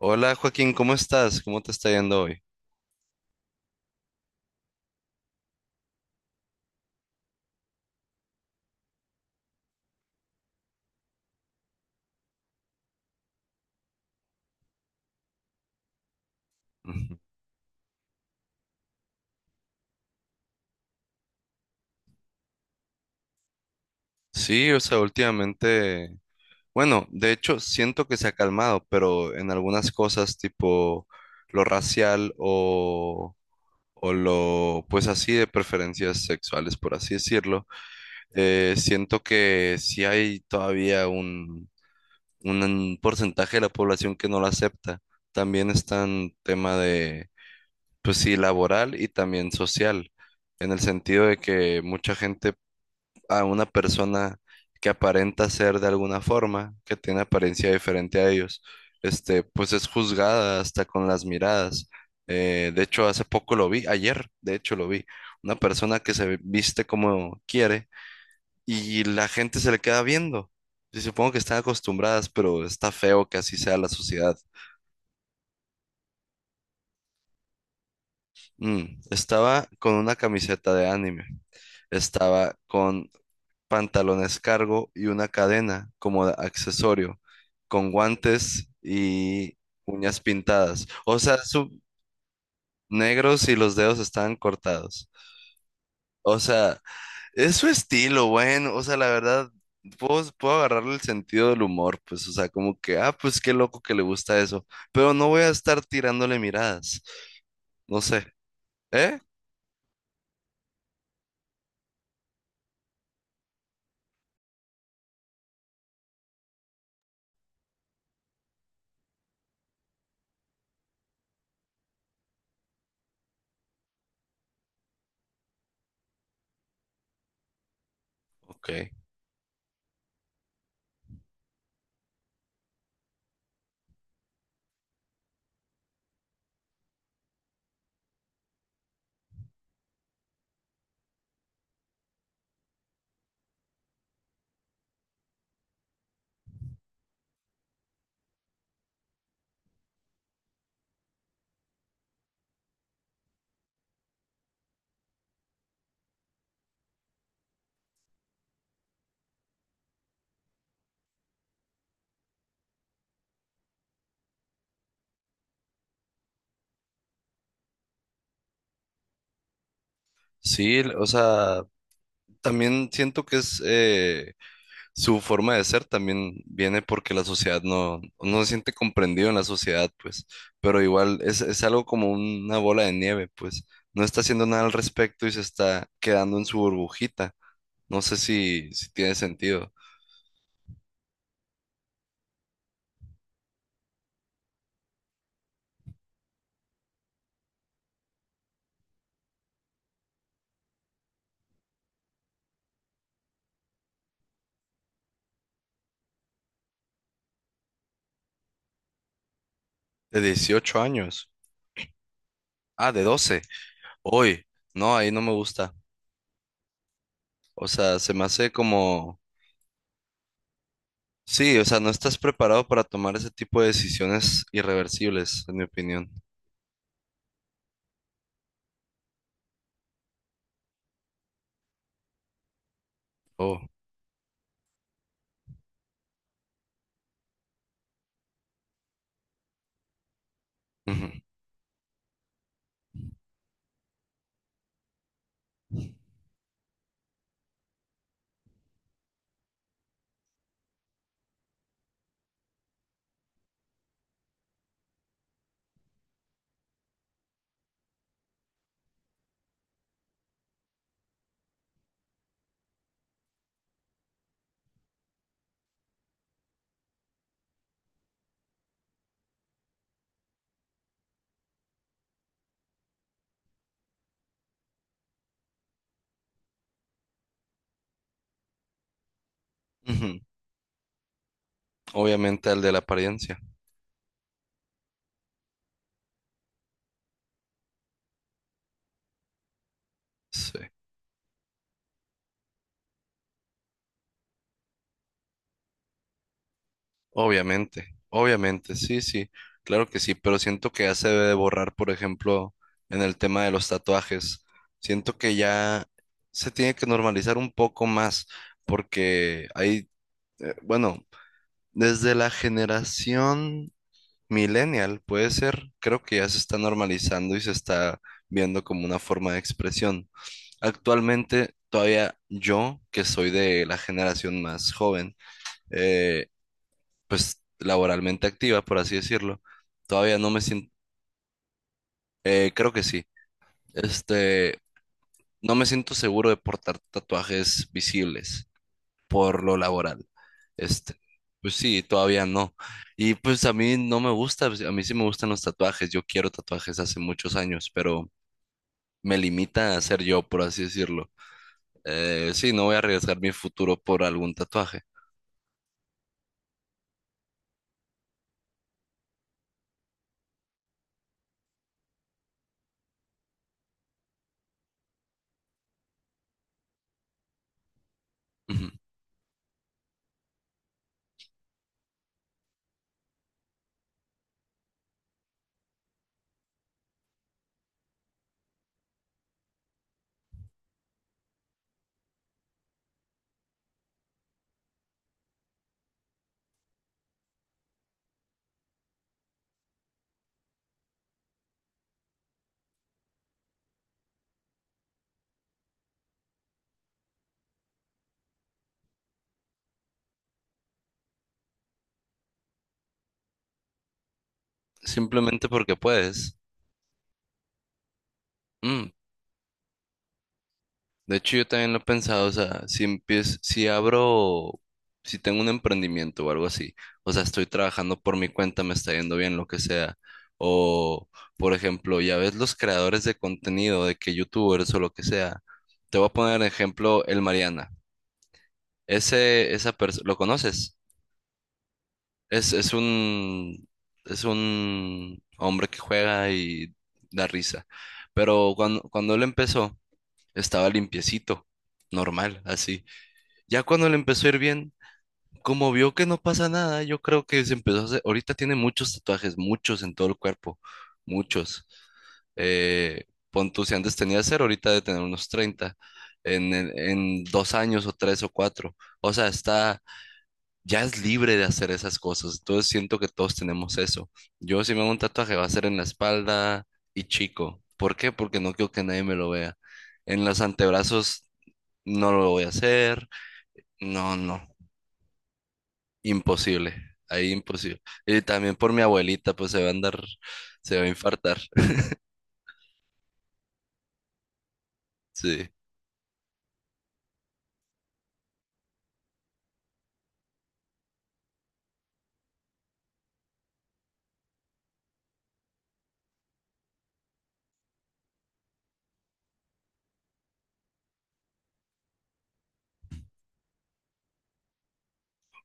Hola Joaquín, ¿cómo estás? ¿Cómo te está yendo hoy? Ujú. Sí, o sea, últimamente, bueno, de hecho siento que se ha calmado, pero en algunas cosas tipo lo racial o lo, pues así de preferencias sexuales, por así decirlo, siento que sí hay todavía un porcentaje de la población que no lo acepta. También está en tema de, pues sí, laboral y también social en el sentido de que mucha gente a una persona que aparenta ser de alguna forma, que tiene apariencia diferente a ellos, pues es juzgada hasta con las miradas. De hecho, hace poco lo vi, ayer, de hecho lo vi, una persona que se viste como quiere y la gente se le queda viendo. Y supongo que están acostumbradas, pero está feo que así sea la sociedad. Estaba con una camiseta de anime, estaba con pantalones cargo y una cadena como accesorio, con guantes y uñas pintadas. O sea, su negros y los dedos estaban cortados. O sea, es su estilo, bueno, o sea, la verdad, puedo agarrarle el sentido del humor, pues, o sea, como que, ah, pues qué loco que le gusta eso, pero no voy a estar tirándole miradas, no sé, ¿eh? Ok. Sí, o sea, también siento que es su forma de ser también viene porque la sociedad no se siente comprendido en la sociedad, pues, pero igual es algo como una bola de nieve, pues, no está haciendo nada al respecto y se está quedando en su burbujita. No sé si tiene sentido. De 18 años. Ah, de 12. Hoy. No, ahí no me gusta. O sea, se me hace como... Sí, o sea, no estás preparado para tomar ese tipo de decisiones irreversibles, en mi opinión. Oh. Ujú. Ujú. Obviamente al de la apariencia. Sí. Obviamente, obviamente, sí, sí, claro que sí, pero siento que ya se debe de borrar, por ejemplo, en el tema de los tatuajes. Siento que ya se tiene que normalizar un poco más, porque hay, bueno, desde la generación millennial, puede ser, creo que ya se está normalizando y se está viendo como una forma de expresión. Actualmente, todavía yo, que soy de la generación más joven, eh, pues laboralmente activa, por así decirlo. Todavía no me siento, creo que sí, este, no me siento seguro de portar tatuajes visibles por lo laboral. Este, pues sí, todavía no. Y pues a mí no me gusta, pues, a mí sí me gustan los tatuajes, yo quiero tatuajes hace muchos años, pero me limita a ser yo, por así decirlo. Sí, no voy a arriesgar mi futuro por algún tatuaje. Ujú. Simplemente porque puedes. Mm. De hecho, yo también lo he pensado, o sea, si empiezo, si abro, si tengo un emprendimiento o algo así, o sea, estoy trabajando por mi cuenta, me está yendo bien, lo que sea. O, por ejemplo, ya ves los creadores de contenido, de que youtubers o lo que sea. Te voy a poner ejemplo el Mariana. Ese, esa persona, ¿lo conoces? Es, es un, es un hombre que juega y da risa. Pero cuando él empezó, estaba limpiecito, normal, así. Ya cuando le empezó a ir bien, como vio que no pasa nada, yo creo que se empezó a hacer. Ahorita tiene muchos tatuajes, muchos en todo el cuerpo, muchos. Eh, Pon tú, si antes tenía 0, ahorita de tener unos 30 en 2 años o 3 o 4. O sea, ya es libre de hacer esas cosas. Entonces siento que todos tenemos eso. Yo si me hago un tatuaje va a ser en la espalda y chico. ¿Por qué? Porque no quiero que nadie me lo vea. En los antebrazos no lo voy a hacer. No, no. Imposible, ahí imposible. Y también por mi abuelita, pues se va a andar, se va a infartar. Sí.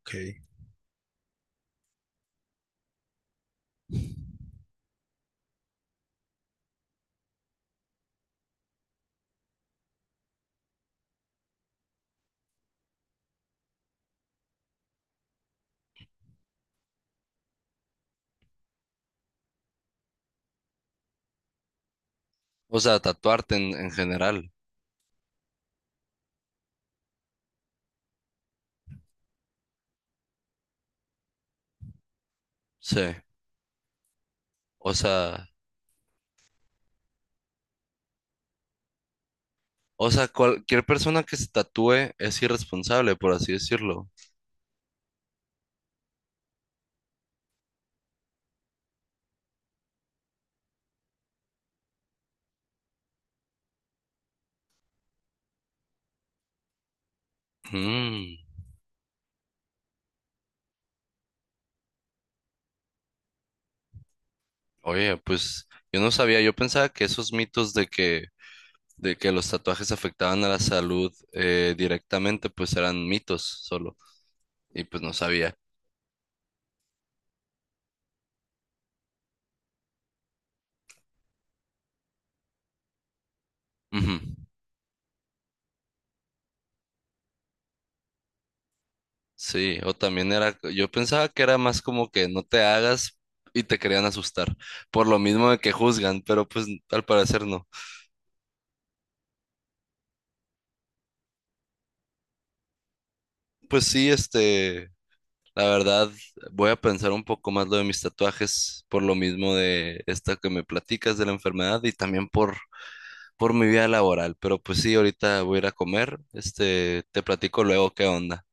Ok. O sea, tatuarte en general. Sí. O sea, o sea, cualquier persona que se tatúe es irresponsable, por así decirlo. Mm. Oye, pues yo no sabía, yo pensaba que esos mitos de que los tatuajes afectaban a la salud directamente, pues eran mitos solo. Y pues no sabía. Ujú. Sí, o también era, yo pensaba que era más como que no te hagas y te querían asustar, por lo mismo de que juzgan, pero pues al parecer no. Pues sí, la verdad, voy a pensar un poco más lo de mis tatuajes, por lo mismo de esta que me platicas de la enfermedad y también por mi vida laboral, pero pues sí, ahorita voy a ir a comer, te platico luego qué onda.